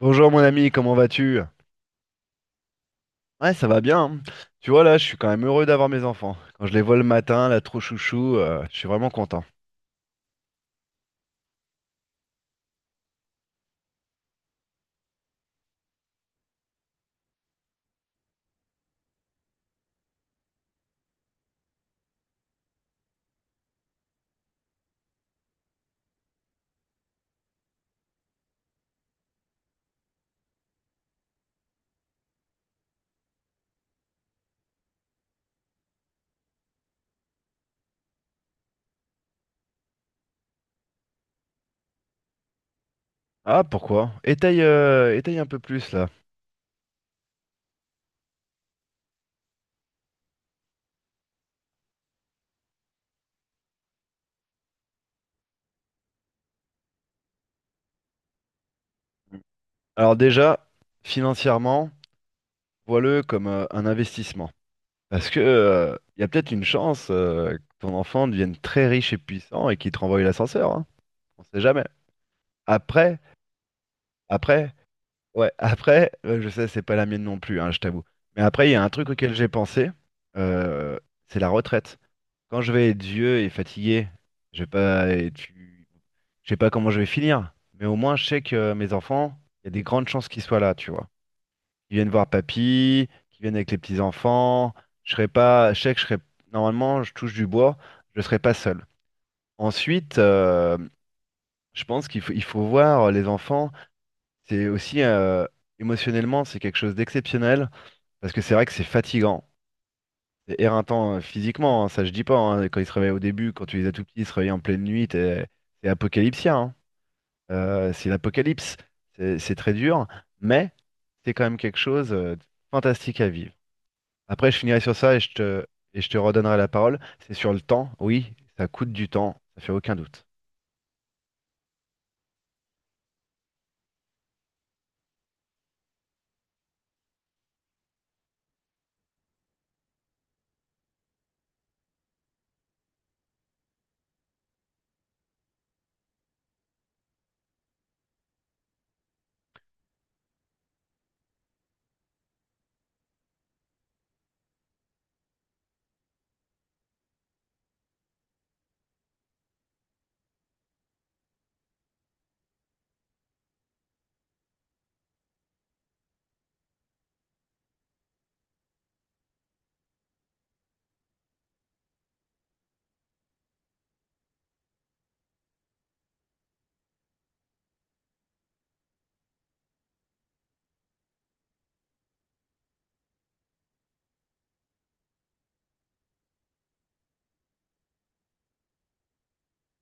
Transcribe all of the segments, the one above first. Bonjour mon ami, comment vas-tu? Ouais, ça va bien, hein. Tu vois là, je suis quand même heureux d'avoir mes enfants. Quand je les vois le matin, là, trop chouchou, je suis vraiment content. Ah, pourquoi? Étaye un peu plus là. Alors déjà, financièrement, vois-le comme un investissement. Parce que il y a peut-être une chance que ton enfant devienne très riche et puissant et qu'il te renvoie l'ascenseur, hein. On sait jamais. Après, après, Ouais, après, je sais, c'est pas la mienne non plus, hein, je t'avoue. Mais après, il y a un truc auquel j'ai pensé, euh, c'est la retraite. Quand je vais être vieux et fatigué, je vais pas être- je sais pas comment je vais finir, mais au moins je sais que mes enfants, il y a des grandes chances qu'ils soient là, tu vois. Ils viennent voir papy, qu'ils viennent avec les petits-enfants, je serai pas, je sais que je serai, normalement, je touche du bois, je serai pas seul. Ensuite, je pense qu'il faut voir les enfants. C'est aussi, émotionnellement, c'est quelque chose d'exceptionnel parce que c'est vrai que c'est fatigant. C'est éreintant physiquement, hein, ça je dis pas, hein. Quand ils se réveillent au début, quand tu les as tout petits, ils se réveillent en pleine nuit, c'est apocalyptien, hein. C'est l'apocalypse. C'est très dur, mais c'est quand même quelque chose, de fantastique à vivre. Après, je finirai sur ça et je te redonnerai la parole. C'est sur le temps, oui, ça coûte du temps, ça fait aucun doute.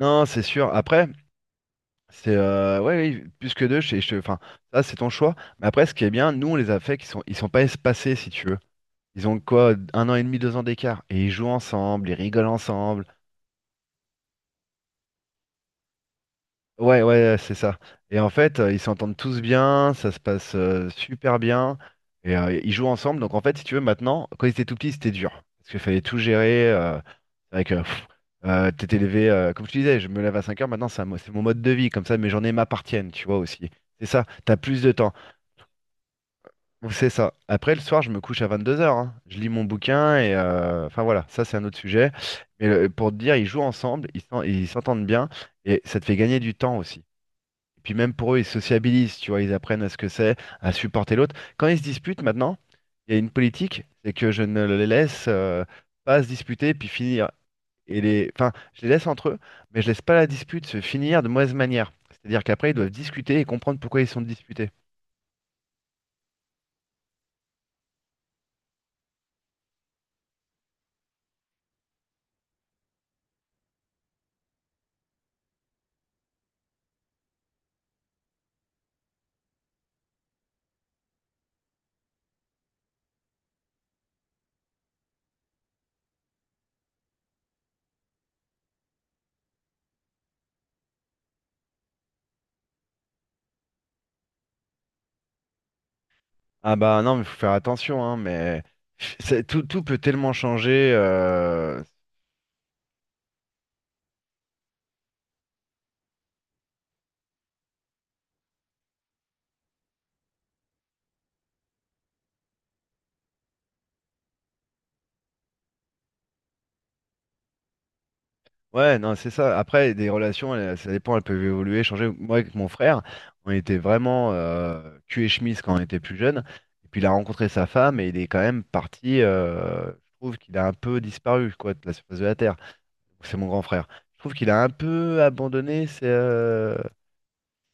Non, c'est sûr. Après, c'est, ouais, oui, plus que deux, enfin, ça c'est ton choix. Mais après, ce qui est bien, nous on les a fait, qu'ils sont pas espacés si tu veux. Ils ont quoi, 1 an et demi, 2 ans d'écart. Et ils jouent ensemble, ils rigolent ensemble. Ouais, ouais, c'est ça. Et en fait, ils s'entendent tous bien, ça se passe, super bien. Et ils jouent ensemble. Donc en fait, si tu veux, maintenant, quand ils étaient tout petits, c'était dur. Parce qu'il fallait tout gérer. C'est vrai que t'étais levé, comme je te disais, je me lève à 5 heures, maintenant c'est un, c'est mon mode de vie. Comme ça, mes journées m'appartiennent, tu vois aussi. C'est ça, t'as plus de temps. C'est ça. Après, le soir, je me couche à 22 heures, hein. Je lis mon bouquin et, enfin voilà, ça c'est un autre sujet. Mais pour te dire, ils jouent ensemble, ils s'entendent bien et ça te fait gagner du temps aussi. Et puis même pour eux, ils sociabilisent, tu vois, ils apprennent à ce que c'est, à supporter l'autre. Quand ils se disputent maintenant, il y a une politique, c'est que je ne les laisse, pas se disputer puis finir. Enfin, je les laisse entre eux, mais je laisse pas la dispute se finir de mauvaise manière. C'est-à-dire qu'après, ils doivent discuter et comprendre pourquoi ils sont disputés. Ah bah non, mais faut faire attention, hein, mais tout peut tellement changer, ouais, non, c'est ça. Après, des relations, ça dépend, elles peuvent évoluer, changer. Moi, avec mon frère, on était vraiment, cul et chemise quand on était plus jeune. Et puis, il a rencontré sa femme et il est quand même parti. Je trouve qu'il a un peu disparu, quoi, de la surface de la Terre. C'est mon grand frère. Je trouve qu'il a un peu abandonné. C'est. euh,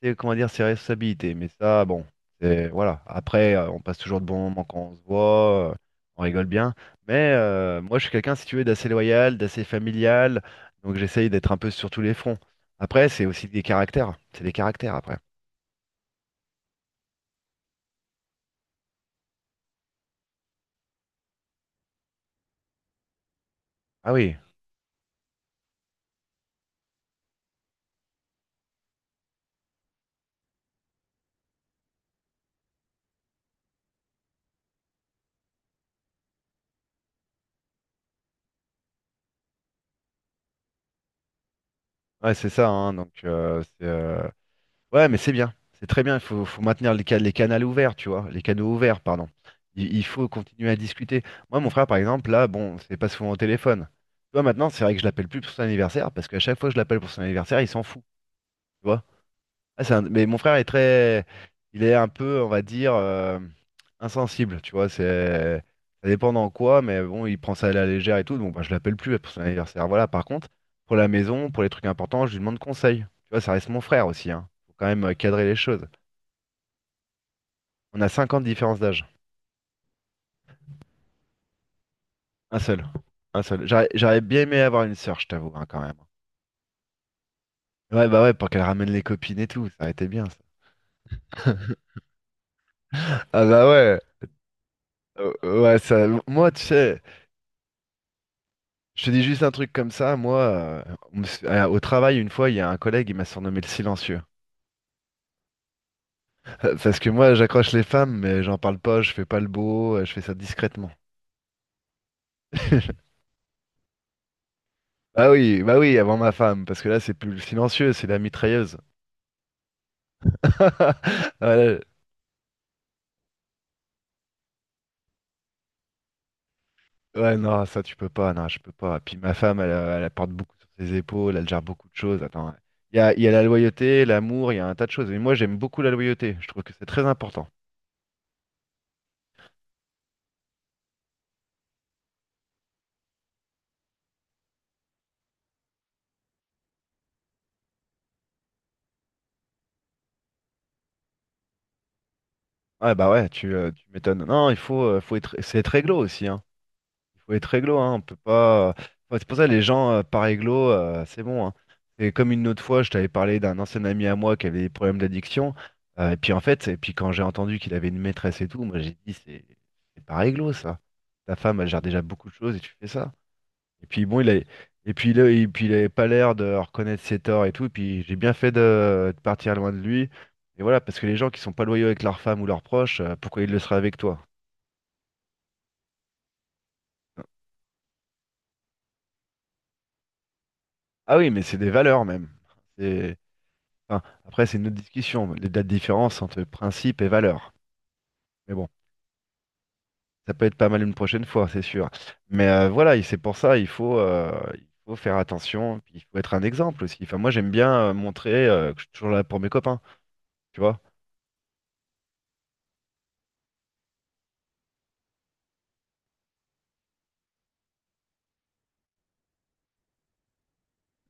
c'est comment dire, ses responsabilités. Mais ça, bon, c'est voilà. Après, on passe toujours de bons moments quand on se voit, on rigole bien. Mais moi, je suis quelqu'un, si tu veux, d'assez loyal, d'assez familial. Donc, j'essaye d'être un peu sur tous les fronts. Après, c'est aussi des caractères. C'est des caractères après. Ah oui, ouais, c'est ça, hein. Donc, ouais, mais c'est bien. C'est très bien. Il faut maintenir les canaux ouverts, tu vois. Les canaux ouverts, pardon. Il faut continuer à discuter. Moi, mon frère, par exemple, là, bon, c'est pas souvent au téléphone. Tu vois, maintenant, c'est vrai que je l'appelle plus pour son anniversaire parce qu'à chaque fois que je l'appelle pour son anniversaire, il s'en fout. Tu vois. Ah, mais mon frère est très, il est un peu, on va dire, insensible, tu vois. Ça dépend dans quoi, mais bon, il prend ça à la légère et tout. Donc, bah, je l'appelle plus pour son anniversaire. Voilà. Par contre, pour la maison, pour les trucs importants, je lui demande conseil. Tu vois, ça reste mon frère aussi, hein. Faut quand même, cadrer les choses. On a 5 ans de différence d'âge. Un seul, un seul. J'aurais bien aimé avoir une sœur, je t'avoue, hein, quand même. Ouais, bah ouais, pour qu'elle ramène les copines et tout, ça aurait été bien, ça. Ah bah ouais. Euh, ouais, ça, moi, tu sais. Je te dis juste un truc comme ça, moi, au travail, une fois, il y a un collègue, il m'a surnommé le silencieux. Parce que moi, j'accroche les femmes, mais j'en parle pas, je fais pas le beau, je fais ça discrètement. Ah oui, bah oui, avant ma femme, parce que là, c'est plus le silencieux, c'est la mitrailleuse. Voilà. Ouais, non, ça, tu peux pas, non, je peux pas. Puis ma femme, elle porte beaucoup sur ses épaules, elle gère beaucoup de choses. Attends, il y a la loyauté, l'amour, il y a un tas de choses. Mais moi, j'aime beaucoup la loyauté, je trouve que c'est très important. Ouais, bah ouais, tu m'étonnes. Non, il faut, faut être, c'est être réglo aussi, hein. Il faut être réglo, hein. On peut pas, enfin, c'est pour ça les gens, par réglo, c'est bon, hein. C'est comme une autre fois, je t'avais parlé d'un ancien ami à moi qui avait des problèmes d'addiction, et puis en fait, et puis quand j'ai entendu qu'il avait une maîtresse et tout, moi j'ai dit c'est pas réglo ça. Ta femme, elle gère déjà beaucoup de choses et tu fais ça. Et puis bon, et puis là, et puis il avait pas l'air de reconnaître ses torts et tout. Et puis j'ai bien fait de partir loin de lui. Et voilà, parce que les gens qui sont pas loyaux avec leur femme ou leurs proches, pourquoi ils le seraient avec toi? Ah oui, mais c'est des valeurs même. C'est, enfin, après, c'est une autre discussion, les dates différences entre principe et valeurs. Mais bon, ça peut être pas mal une prochaine fois, c'est sûr. Mais voilà, et c'est pour ça, il faut faire attention. Puis il faut être un exemple aussi. Enfin, moi, j'aime bien, montrer, que je suis toujours là pour mes copains, tu vois.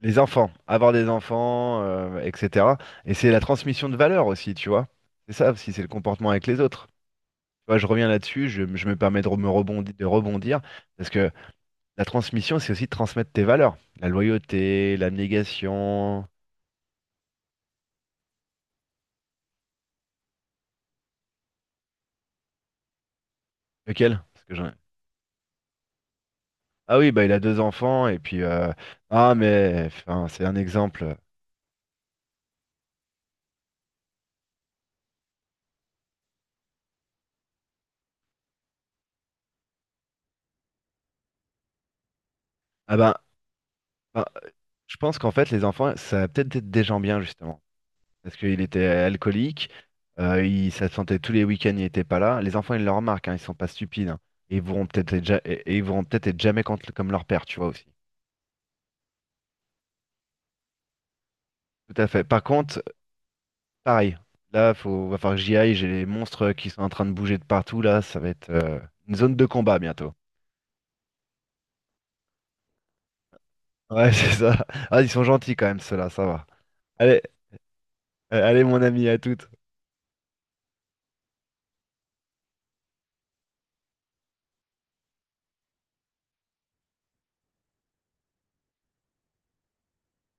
Les enfants, avoir des enfants, etc. Et c'est la transmission de valeurs aussi, tu vois. C'est ça aussi, c'est le comportement avec les autres. Tu vois, je reviens là-dessus, je me permets de rebondir, parce que la transmission, c'est aussi de transmettre tes valeurs. La loyauté, l'abnégation. Lequel? Parce que j'en ai- Ah oui, bah il a deux enfants, et puis ah mais enfin, c'est un exemple. Ah ben, ben, je pense qu'en fait, les enfants, ça va peut-être être des gens bien, justement, parce qu'il était alcoolique, ça se sentait tous les week-ends, il était pas là. Les enfants, ils le remarquent, hein, ils sont pas stupides, hein. Et ils voudront peut-être être, et ils voudront peut-être être jamais comme leur père, tu vois aussi. Tout à fait. Par contre, pareil, là, faut, va falloir que j'y aille, j'ai les monstres qui sont en train de bouger de partout, là, ça va être, une zone de combat bientôt. Ouais, c'est ça. Ah, ils sont gentils quand même, ceux-là, ça va. Allez, allez mon ami, à toutes.